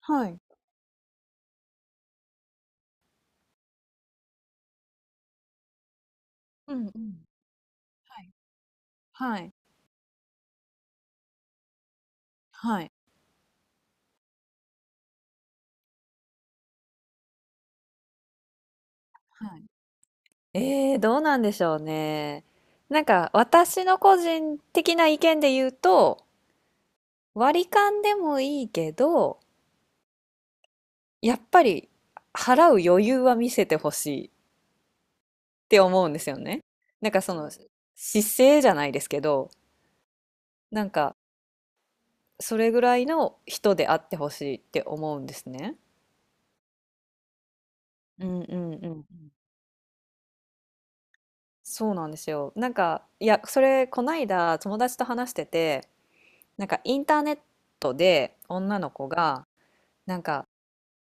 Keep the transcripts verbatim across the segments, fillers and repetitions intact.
はい。うんうん。はい。はい。はい。はい。えー、どうなんでしょうね。なんか私の個人的な意見で言うと割り勘でもいいけど、やっぱり払う余裕は見せてほしいって思うんですよね。なんかその姿勢じゃないですけど、なんかそれぐらいの人であってほしいって思うんですね。うんうんうんうん。そうなんですよ。なんかいや、それこないだ友達と話してて、なんかインターネットで女の子が、なんか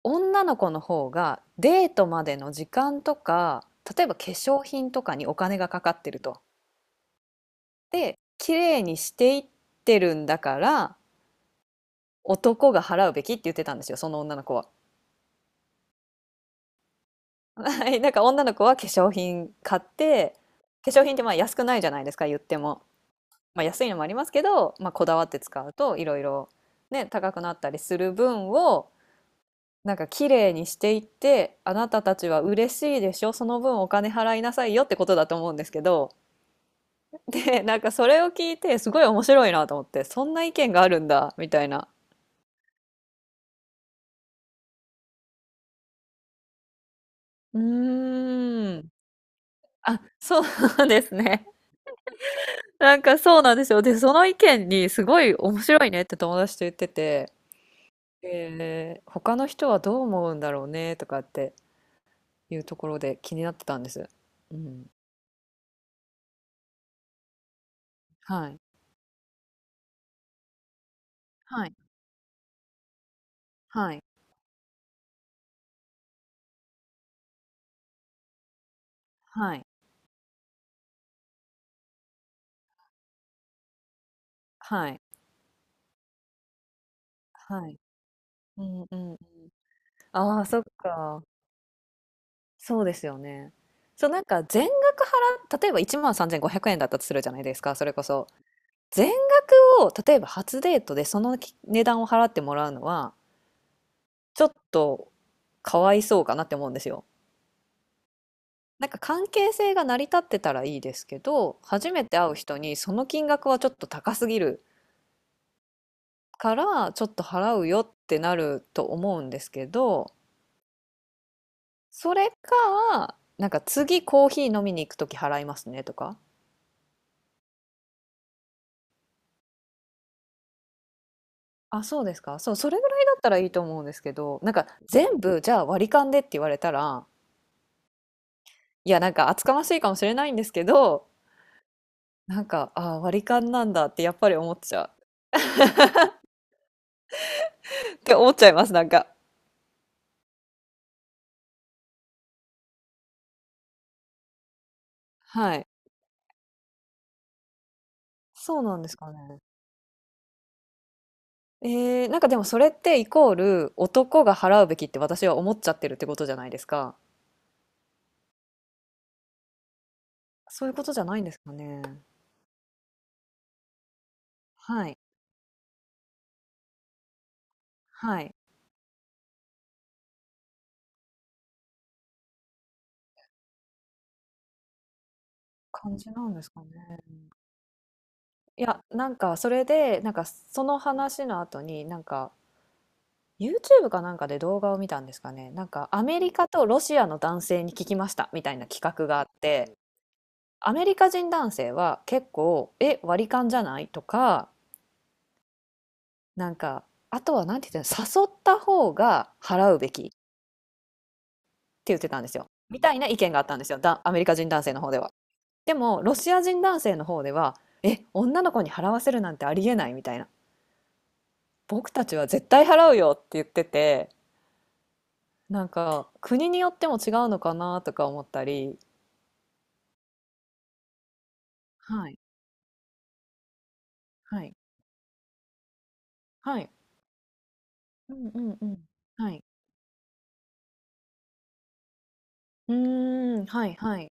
女の子の方がデートまでの時間とか、例えば化粧品とかにお金がかかってると。で、綺麗にしていってるんだから男が払うべきって言ってたんですよ、その女の子は。はい、なんか女の子は化粧品買って、化粧品ってまあ安くないじゃないですか言っても。まあ、安いのもありますけど、まあ、こだわって使うといろいろね、高くなったりする分をなんか綺麗にしていって、あなたたちは嬉しいでしょ、その分お金払いなさいよってことだと思うんですけど、で、なんかそれを聞いてすごい面白いなと思って、そんな意見があるんだみたいな。うーん。あ、そうですね。なんかそうなんですよ。で、その意見にすごい面白いねって友達と言ってて、えー、他の人はどう思うんだろうねとかっていうところで気になってたんです。うん。はい。はい。はい。はい。はい。はい。うんうんうん。ああ、そっか。そうですよね。そう、なんか全額払っ例えばいちまんさんぜんごひゃくえんだったとするじゃないですか、それこそ。全額を、例えば初デートでそのき値段を払ってもらうのは、ちょっとかわいそうかなって思うんですよ。なんか関係性が成り立ってたらいいですけど、初めて会う人にその金額はちょっと高すぎるから、ちょっと払うよってなると思うんですけど、それか、なんか次コーヒー飲みに行くとき払いますねとか。あ、そうですか。そう、それぐらいだったらいいと思うんですけど、なんか全部じゃあ割り勘でって言われたら、いや、なんか厚かましいかもしれないんですけど、なんか、ああ割り勘なんだってやっぱり思っちゃう。って思っちゃいます、なんか。はい。そうなんですかね。えー、なんかでもそれってイコール男が払うべきって私は思っちゃってるってことじゃないですか。そういうことじゃないんですかね。はい。はい。感じなんですかね。いや、なんかそれで、なんかその話の後に、なんか YouTube かなんかで動画を見たんですかね。なんかアメリカとロシアの男性に聞きましたみたいな企画があって、アメリカ人男性は結構、え、割り勘じゃないとか、なんか、あとはなんて言ってたの、誘った方が払うべきって言ってたんですよ。みたいな意見があったんですよ。だ、アメリカ人男性の方では。でも、ロシア人男性の方では、え、女の子に払わせるなんてありえないみたいな。僕たちは絶対払うよって言ってて、なんか、国によっても違うのかなとか思ったり。はい、はい、はい。うんうんうん。はい。うーん、はいはい。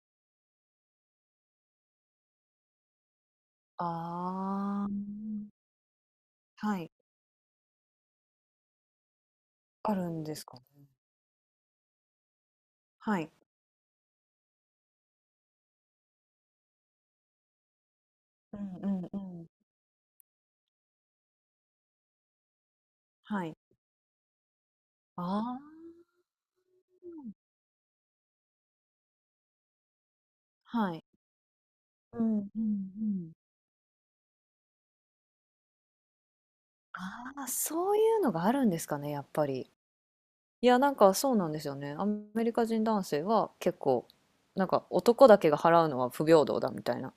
ああ。はい。あるんですかね。はい。うんうんうん。はい。ああ。はい。うんうんうん。ああ、そういうのがあるんですかね、やっぱり。いや、なんかそうなんですよね。アメリカ人男性は結構、なんか男だけが払うのは不平等だみたいな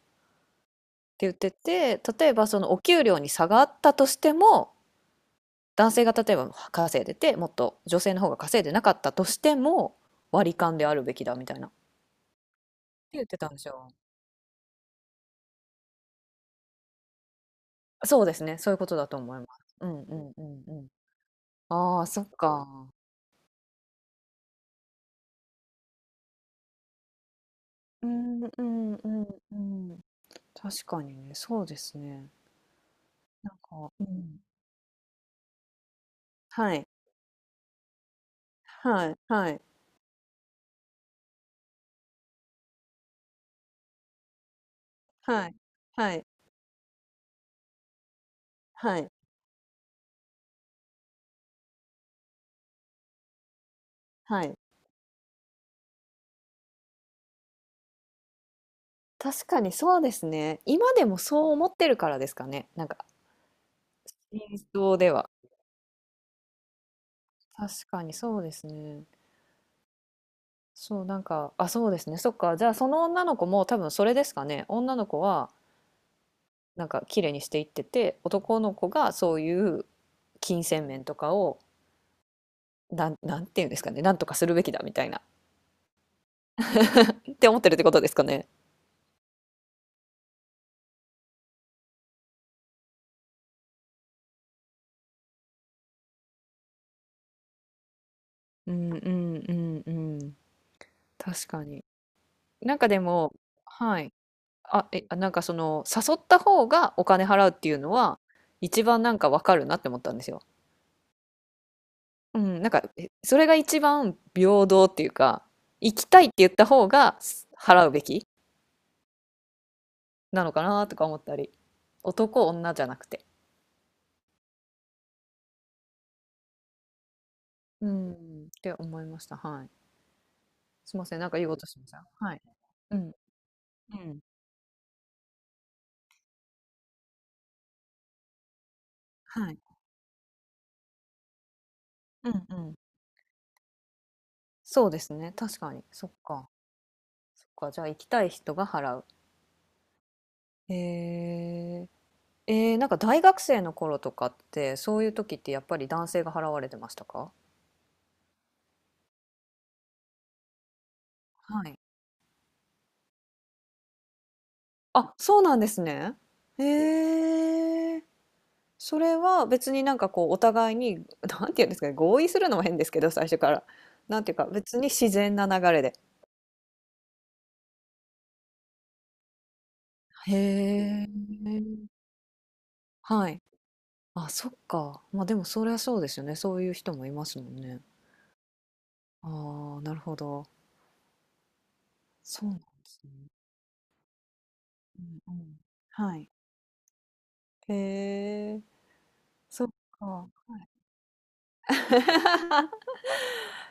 て言ってて、例えばそのお給料に差があったとしても、男性が例えば稼いでて、もっと女性の方が稼いでなかったとしても、割り勘であるべきだみたいな。って言ってたんですよ。そうですね、そういうことだと思います。うんうんうんうん。ああ、そっか。うんうんうんうん。確かにね、そうですね。なんか、うん。はい。はいはいはいはいはいはい。確かにそうですね。今でもそう思ってるからですかね。なんかインスでは。確かにそうですね。そう、なんか、あ、そうですね。そっか。じゃあ、その女の子も多分それですかね。女の子は、なんか、綺麗にしていってて、男の子がそういう金銭面とかを、なん、なんていうんですかね。なんとかするべきだみたいな。って思ってるってことですかね。うんうんうんうん。確かに。なんかでも、はい。あ、え、あなんかその、誘った方がお金払うっていうのは、一番なんかわかるなって思ったんですよ。うん、なんか、え、それが一番平等っていうか、行きたいって言った方がす払うべきなのかなとか思ったり、男女じゃなくて。うん、って思いました。はい。すいません、なんか言おうとしました。はい。うん、うん、はい。うんうん。そうですね、確かに。そっか。そっか、じゃあ行きたい人が払う。へえー。えー、なんか大学生の頃とかって、そういう時ってやっぱり男性が払われてましたか。はい。あ、そうなんですね。へえ。それは別になんかこうお互いに、なんて言うんですかね、合意するのも変ですけど、最初から。なんていうか、別に自然な流れで。へえ。はい。あ、そっか。まあでもそりゃそうですよね。そういう人もいますもんね。ああ、なるほど。そうなんですね。うんうん。はい。へえ、そっか。はい。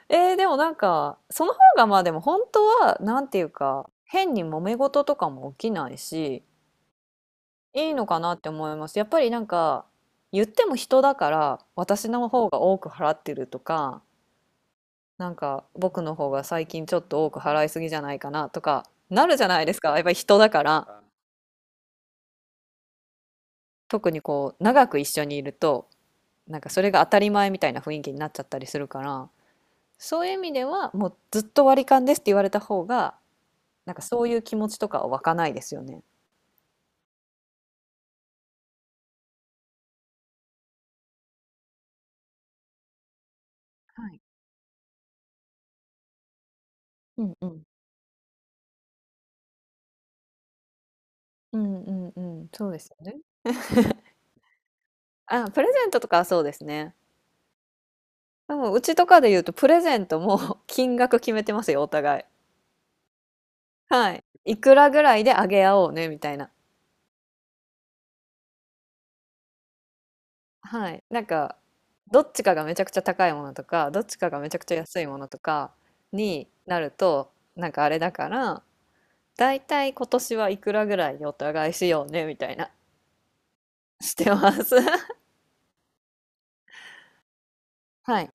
えー、でもなんか、その方がまあでも本当は、なんていうか、変に揉め事とかも起きないし、いいのかなって思います。やっぱりなんか、言っても人だから、私の方が多く払ってるとか、なんか、僕の方が最近ちょっと多く払いすぎじゃないかなとか、なるじゃないですか。やっぱり人だから、特にこう、長く一緒にいると、なんかそれが当たり前みたいな雰囲気になっちゃったりするから、そういう意味では、もうずっと割り勘ですって言われた方が、なんかそういう気持ちとかは湧かないですよね。はい。うんうん。うんうんうん、そうですよね。あ、プレゼントとかはそうですね。でもうちとかで言うとプレゼントも 金額決めてますよ、お互い。はい。いくらぐらいであげ合おうねみたいな。はい。なんか、どっちかがめちゃくちゃ高いものとか、どっちかがめちゃくちゃ安いものとかになると、なんかあれだから、だいたい今年はいくらぐらいお互いしようねみたいな してます。はい。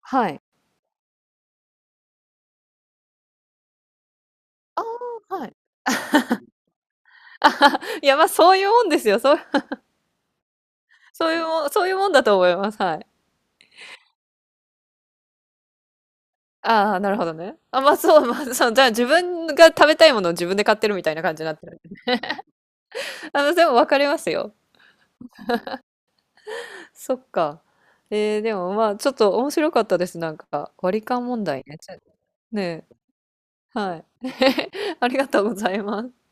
はい。ああ、はい。いや、まあ、そういうもんですよ。そう、そういうもん、そういうもんだと思います。はい。ああ、なるほどね。あ、まあ、そう、まあ、そう、じゃあ自分が食べたいものを自分で買ってるみたいな感じになってる。あの、でも分かりますよ。そっか。えー、でもまあ、ちょっと面白かったです。なんか、割り勘問題ね。ちょねえ。はい。ありがとうございます。